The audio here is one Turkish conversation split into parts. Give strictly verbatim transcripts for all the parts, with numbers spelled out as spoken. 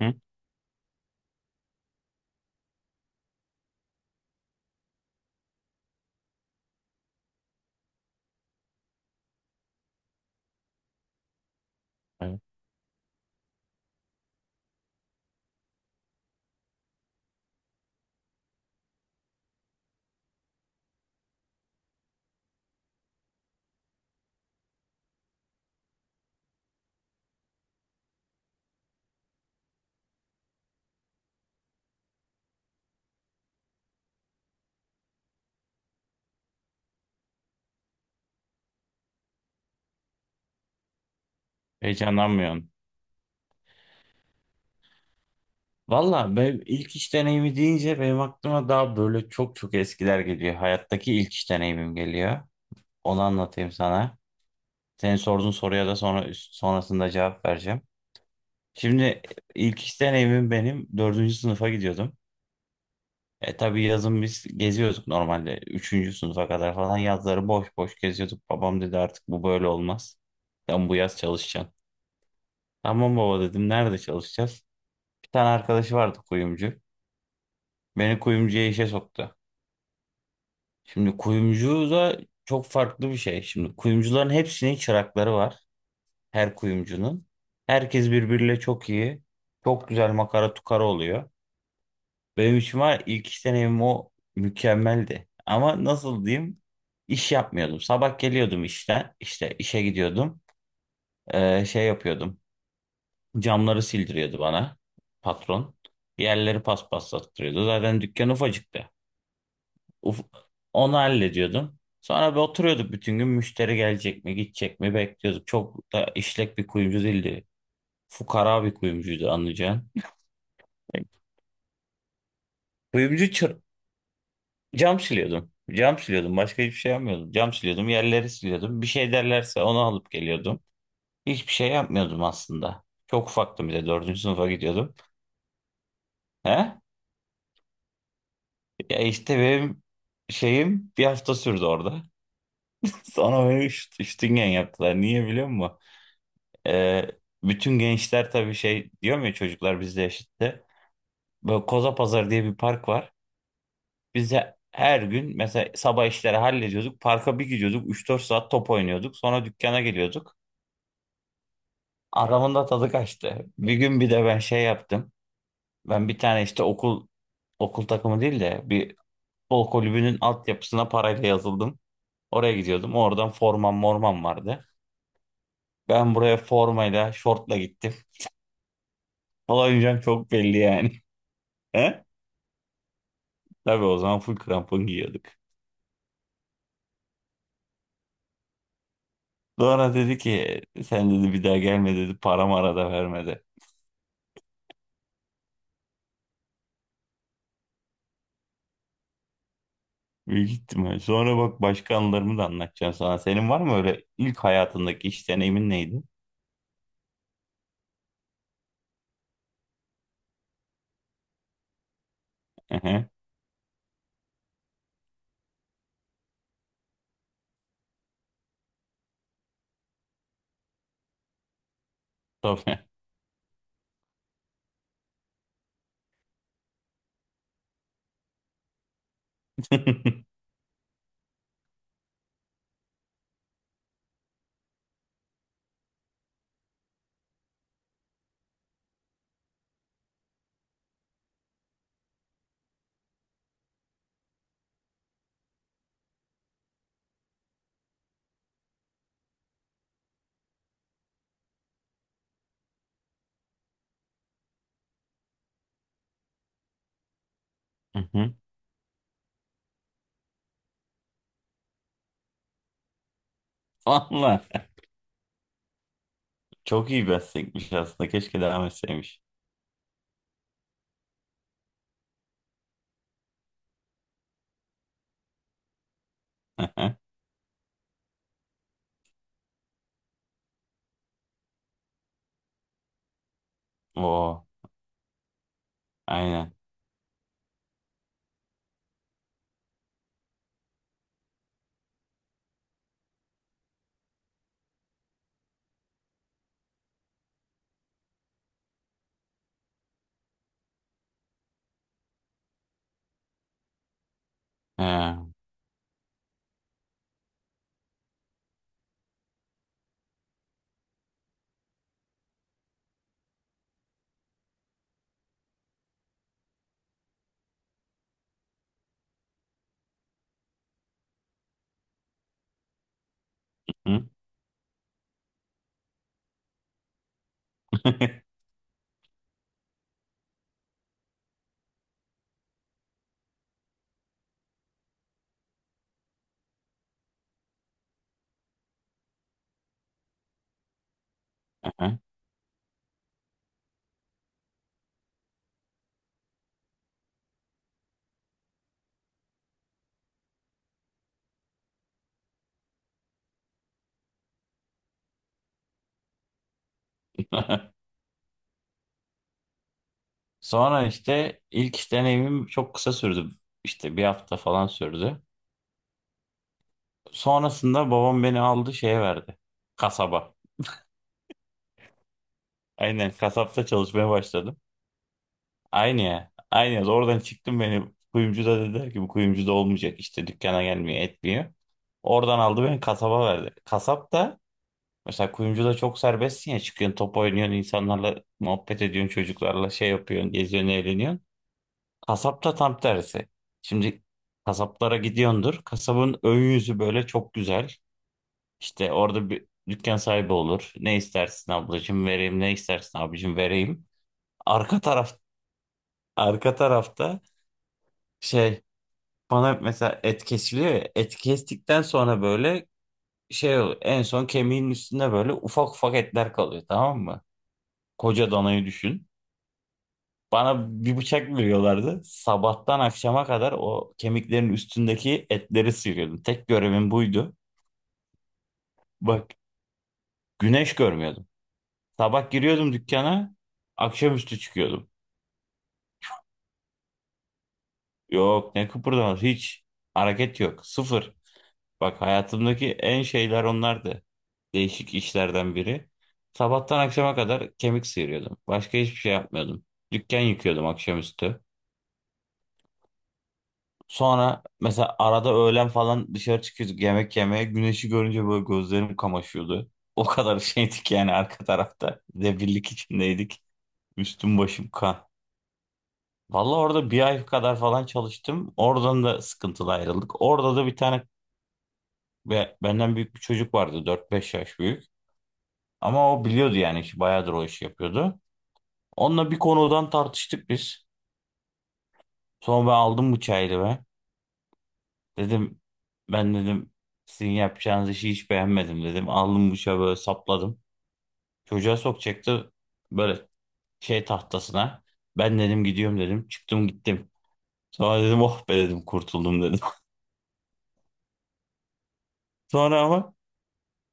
Hı? Evet. Heyecanlanmıyorsun. Valla ben ilk iş deneyimi deyince benim aklıma daha böyle çok çok eskiler geliyor. Hayattaki ilk iş deneyimim geliyor. Onu anlatayım sana. Senin sorduğun soruya da sonra sonrasında cevap vereceğim. Şimdi ilk iş deneyimim benim dördüncü sınıfa gidiyordum. E tabii yazın biz geziyorduk normalde. Üçüncü sınıfa kadar falan yazları boş boş geziyorduk. Babam dedi artık bu böyle olmaz. Sen bu yaz çalışacaksın. Tamam baba dedim, nerede çalışacağız? Bir tane arkadaşı vardı kuyumcu. Beni kuyumcuya işe soktu. Şimdi kuyumcu da çok farklı bir şey. Şimdi kuyumcuların hepsinin çırakları var. Her kuyumcunun. Herkes birbiriyle çok iyi. Çok güzel makara tukara oluyor. Benim için var, ilk iş deneyimim o mükemmeldi. Ama nasıl diyeyim? İş yapmıyordum. Sabah geliyordum işten. İşte işe gidiyordum. Ee, şey yapıyordum. Camları sildiriyordu bana patron. Yerleri paspaslattırıyordu. Zaten dükkan ufacıktı. Uf- Onu hallediyordum. Sonra bir oturuyorduk, bütün gün müşteri gelecek mi gidecek mi bekliyorduk. Çok da işlek bir kuyumcu değildi. Fukara bir kuyumcuydu anlayacağın. Kuyumcu çır- Cam siliyordum. Cam siliyordum. Başka hiçbir şey yapmıyordum. Cam siliyordum. Yerleri siliyordum. Bir şey derlerse onu alıp geliyordum. Hiçbir şey yapmıyordum aslında. Çok ufaktım bir de. Dördüncü sınıfa gidiyordum. He? Ya işte benim şeyim bir hafta sürdü orada. Sonra beni üst, üstüngen yaptılar. Niye biliyor musun? Ee, Bütün gençler tabii şey diyor mu ya, çocuklar bizle yaşıttı. Böyle Koza diye bir park var. Biz de her gün mesela sabah işleri hallediyorduk. Parka bir gidiyorduk. Üç dört saat top oynuyorduk. Sonra dükkana geliyorduk. Aramın da tadı kaçtı. Bir gün bir de ben şey yaptım. Ben bir tane işte okul okul takımı değil de bir futbol kulübünün altyapısına parayla yazıldım. Oraya gidiyordum. Oradan formam mormam vardı. Ben buraya formayla, şortla gittim. Olayınca çok belli yani. Tabii o zaman full krampon giyiyorduk. Sonra dedi ki sen dedi bir daha gelme dedi, para mara da vermedi. Büyük ihtimal. Sonra bak başka anılarımı da anlatacağım sana. Senin var mı öyle ilk hayatındaki iş deneyimin neydi? Hı hı. Tabii. Hı hı. Valla çok iyi meslekmiş aslında. Keşke devam etseymiş. Hı hı. Oo, aynen. He. Hı. Hı hı. Sonra işte ilk iş deneyimim çok kısa sürdü. İşte bir hafta falan sürdü. Sonrasında babam beni aldı şeye verdi. Kasaba. Aynen kasapta çalışmaya başladım. Aynı ya. Aynı ya. Oradan çıktım, beni kuyumcu da dediler ki bu kuyumcu da olmayacak, işte dükkana gelmiyor etmiyor. Oradan aldı beni kasaba verdi. Kasap da mesela kuyumcuda çok serbestsin ya, çıkıyorsun top oynuyorsun, insanlarla muhabbet ediyorsun, çocuklarla şey yapıyorsun, geziyorsun eğleniyorsun. Kasapta tam tersi. Şimdi kasaplara gidiyordur. Kasabın ön yüzü böyle çok güzel. İşte orada bir dükkan sahibi olur. Ne istersin ablacığım vereyim, ne istersin abicim vereyim. Arka taraf Arka tarafta şey, bana mesela et kesiliyor ya. Et kestikten sonra böyle şey oluyor. En son kemiğin üstünde böyle ufak ufak etler kalıyor, tamam mı? Koca danayı düşün. Bana bir bıçak veriyorlardı. Sabahtan akşama kadar o kemiklerin üstündeki etleri sıyırıyordum. Tek görevim buydu. Bak, güneş görmüyordum. Sabah giriyordum dükkana, akşamüstü çıkıyordum. Yok, ne kıpırdamaz hiç. Hareket yok. Sıfır. Bak hayatımdaki en şeyler onlardı. Değişik işlerden biri. Sabahtan akşama kadar kemik sıyırıyordum. Başka hiçbir şey yapmıyordum. Dükkan yıkıyordum akşamüstü. Sonra mesela arada öğlen falan dışarı çıkıyorduk yemek yemeye. Güneşi görünce böyle gözlerim kamaşıyordu. O kadar şeydik yani arka tarafta. Debillik içindeydik. Üstüm başım kan. Vallahi orada bir ay kadar falan çalıştım. Oradan da sıkıntılı ayrıldık. Orada da bir tane ve benden büyük bir çocuk vardı, dört beş yaş büyük. Ama o biliyordu yani işi, bayağıdır o işi yapıyordu. Onunla bir konudan tartıştık biz. Sonra ben aldım bıçağı elime. Dedim ben dedim sizin yapacağınız işi hiç beğenmedim dedim. Aldım bıçağı böyle sapladım. Çocuğa sokacaktı böyle şey tahtasına. Ben dedim gidiyorum dedim. Çıktım gittim. Sonra dedim oh be dedim kurtuldum dedim. Sonra ama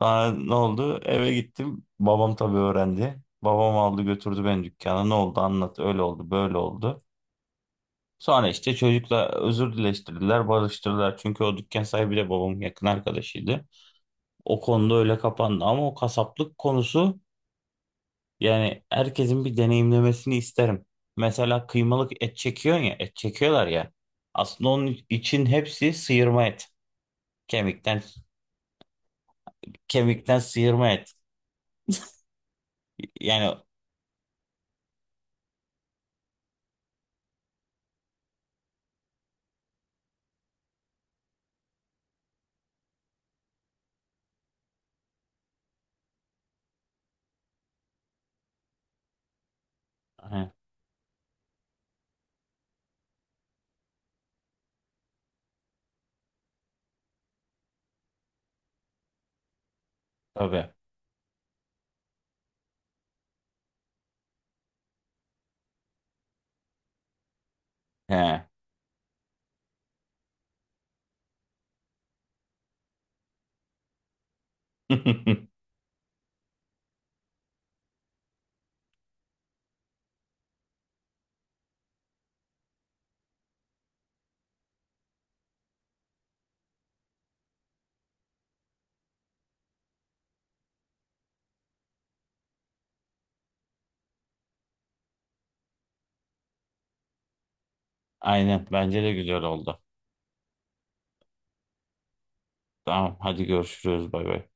Sonra ne oldu? Eve gittim. Babam tabii öğrendi. Babam aldı götürdü beni dükkana. Ne oldu anlat. Öyle oldu böyle oldu. Sonra işte çocukla özür dileştirdiler, barıştırdılar. Çünkü o dükkan sahibi de babamın yakın arkadaşıydı. O konuda öyle kapandı ama o kasaplık konusu yani herkesin bir deneyimlemesini isterim. Mesela kıymalık et çekiyorsun ya, et çekiyorlar ya. Aslında onun için hepsi sıyırma et. Kemikten kemikten sıyırma et. Yani he, tabii. He. Aynen bence de güzel oldu. Tamam hadi görüşürüz, bay bay.